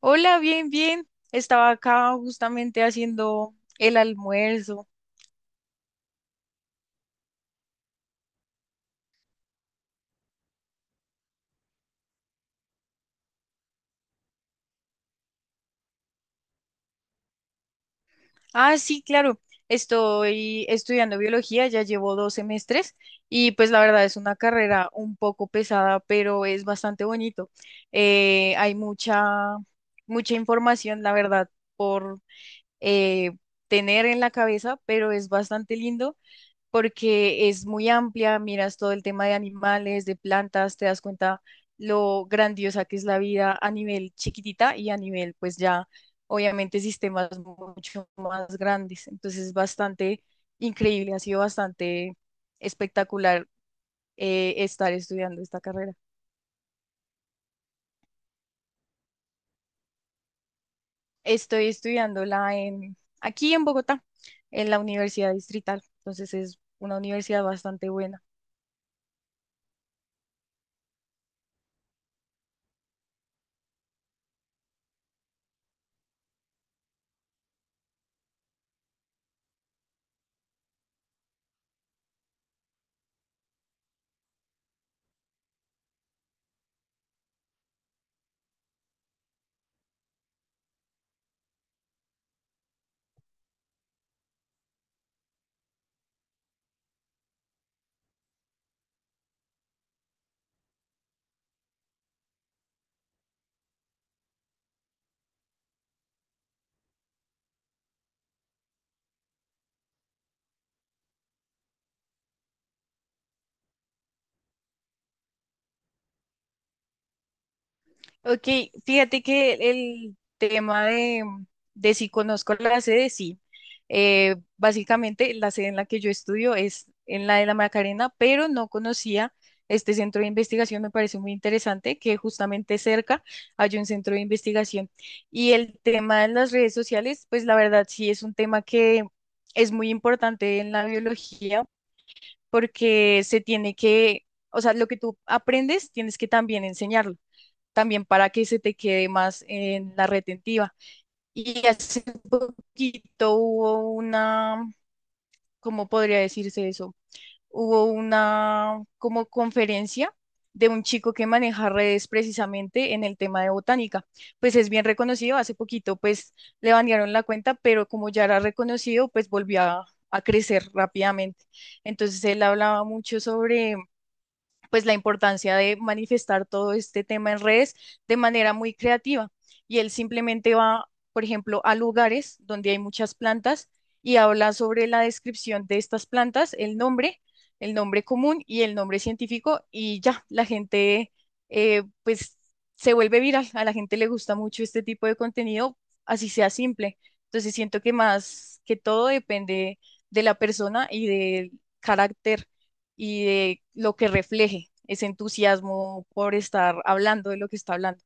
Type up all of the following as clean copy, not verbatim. Hola, bien, bien. Estaba acá justamente haciendo el almuerzo. Ah, sí, claro. Estoy estudiando biología, ya llevo dos semestres y pues la verdad es una carrera un poco pesada, pero es bastante bonito. Hay mucha información, la verdad, por eh, tener en la cabeza, pero es bastante lindo. Porque es muy amplia, miras todo el tema de animales, de plantas, te das cuenta lo grandiosa que es la vida a nivel chiquitita y a nivel, pues ya, obviamente, sistemas mucho más grandes. Entonces es bastante increíble, ha sido bastante espectacular estar estudiando esta carrera. Estoy estudiándola aquí en Bogotá, en la Universidad Distrital. Entonces es una universidad bastante buena. Ok, fíjate que el tema de si conozco la sede, sí. Básicamente la sede en la que yo estudio es en la de la Macarena, pero no conocía este centro de investigación, me parece muy interesante que justamente cerca hay un centro de investigación. Y el tema de las redes sociales, pues la verdad sí es un tema que es muy importante en la biología porque se tiene que, o sea, lo que tú aprendes tienes que también enseñarlo también para que se te quede más en la retentiva. Y hace poquito ¿cómo podría decirse eso? Hubo una como conferencia de un chico que maneja redes precisamente en el tema de botánica. Pues es bien reconocido, hace poquito pues le banearon la cuenta, pero como ya era reconocido, pues volvió a crecer rápidamente. Entonces él hablaba mucho sobre pues la importancia de manifestar todo este tema en redes de manera muy creativa. Y él simplemente va, por ejemplo, a lugares donde hay muchas plantas y habla sobre la descripción de estas plantas, el nombre común y el nombre científico y ya, la gente pues se vuelve viral, a la gente le gusta mucho este tipo de contenido, así sea simple. Entonces siento que más que todo depende de la persona y del carácter y de lo que refleje ese entusiasmo por estar hablando de lo que está hablando.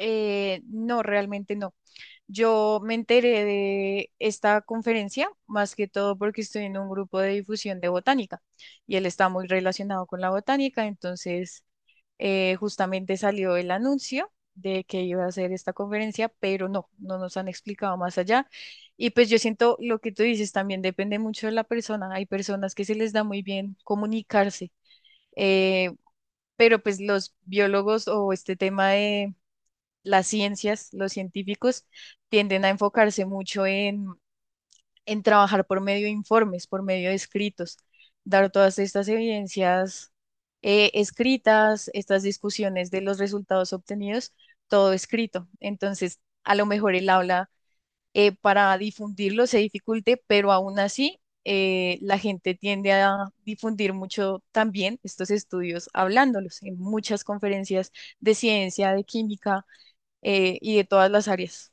No, realmente no. Yo me enteré de esta conferencia más que todo porque estoy en un grupo de difusión de botánica y él está muy relacionado con la botánica, entonces justamente salió el anuncio de que iba a hacer esta conferencia, pero no, no nos han explicado más allá. Y pues yo siento lo que tú dices también depende mucho de la persona. Hay personas que se les da muy bien comunicarse, eh, pero pues los biólogos o este tema de las ciencias, los científicos, tienden a enfocarse mucho en trabajar por medio de informes, por medio de escritos, dar todas estas evidencias escritas, estas discusiones de los resultados obtenidos, todo escrito. Entonces, a lo mejor el habla, para difundirlo se dificulte, pero aún así la gente tiende a difundir mucho también estos estudios hablándolos en muchas conferencias de ciencia, de química, y de todas las áreas.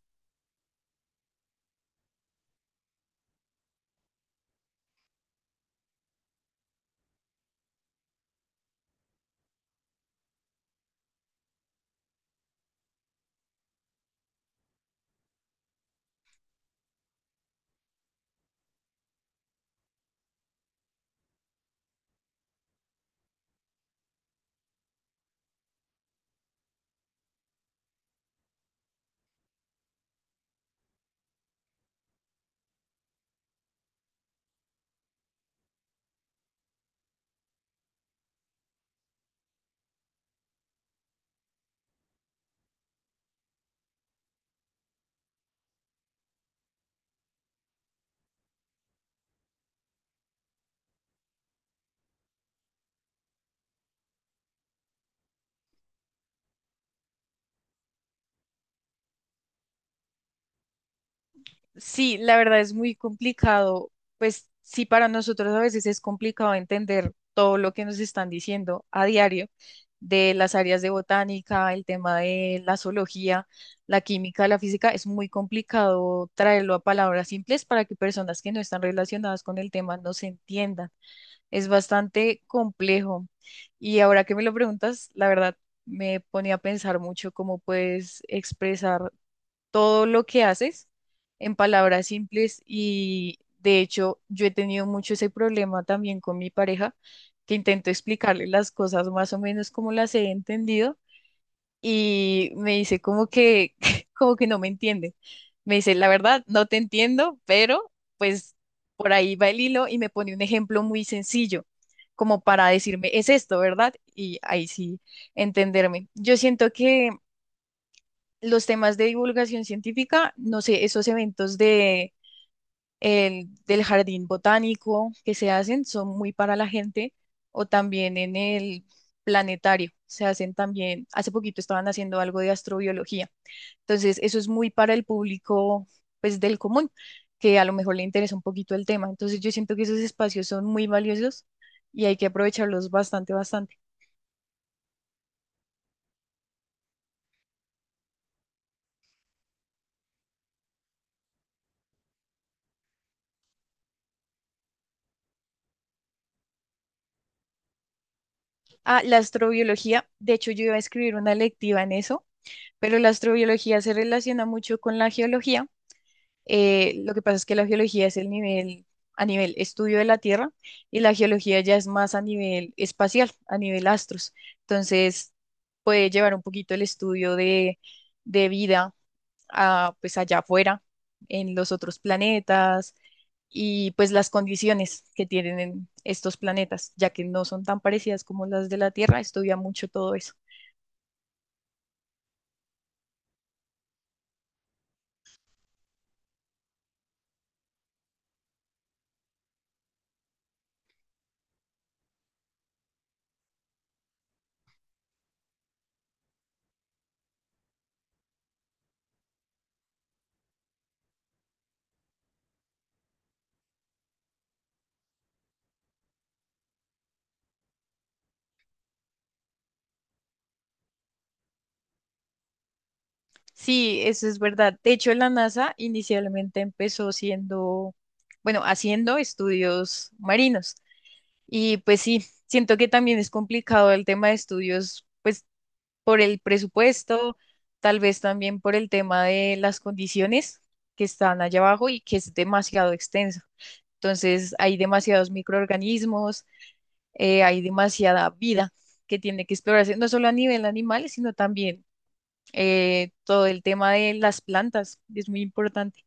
Sí, la verdad es muy complicado. Pues sí, para nosotros a veces es complicado entender todo lo que nos están diciendo a diario de las áreas de botánica, el tema de la zoología, la química, la física. Es muy complicado traerlo a palabras simples para que personas que no están relacionadas con el tema no se entiendan. Es bastante complejo. Y ahora que me lo preguntas, la verdad me pone a pensar mucho cómo puedes expresar todo lo que haces en palabras simples y de hecho yo he tenido mucho ese problema también con mi pareja, que intento explicarle las cosas más o menos como las he entendido y me dice como que como que no me entiende. Me dice, la verdad, no te entiendo, pero pues por ahí va el hilo y me pone un ejemplo muy sencillo, como para decirme, es esto, ¿verdad? Y ahí sí entenderme. Yo siento que los temas de divulgación científica, no sé, esos eventos del jardín botánico que se hacen son muy para la gente o también en el planetario. Se hacen también, hace poquito estaban haciendo algo de astrobiología. Entonces, eso es muy para el público, pues, del común, que a lo mejor le interesa un poquito el tema. Entonces, yo siento que esos espacios son muy valiosos y hay que aprovecharlos bastante, bastante. Ah, la astrobiología, de hecho, yo iba a escribir una electiva en eso, pero la astrobiología se relaciona mucho con la geología. Lo que pasa es que la geología es el nivel, a nivel estudio de la Tierra, y la geología ya es más a nivel espacial, a nivel astros. Entonces, puede llevar un poquito el estudio de vida a, pues allá afuera, en los otros planetas y pues las condiciones que tienen en estos planetas, ya que no son tan parecidas como las de la Tierra, estudia mucho todo eso. Sí, eso es verdad. De hecho, la NASA inicialmente empezó siendo, bueno, haciendo estudios marinos. Y pues sí, siento que también es complicado el tema de estudios, pues por el presupuesto, tal vez también por el tema de las condiciones que están allá abajo y que es demasiado extenso. Entonces, hay demasiados microorganismos, hay demasiada vida que tiene que explorarse, no solo a nivel animal, sino también, todo el tema de las plantas es muy importante.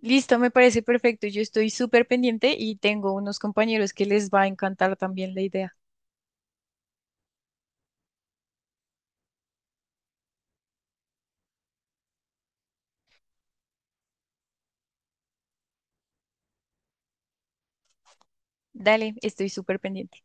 Listo, me parece perfecto. Yo estoy súper pendiente y tengo unos compañeros que les va a encantar también la idea. Dale, estoy súper pendiente.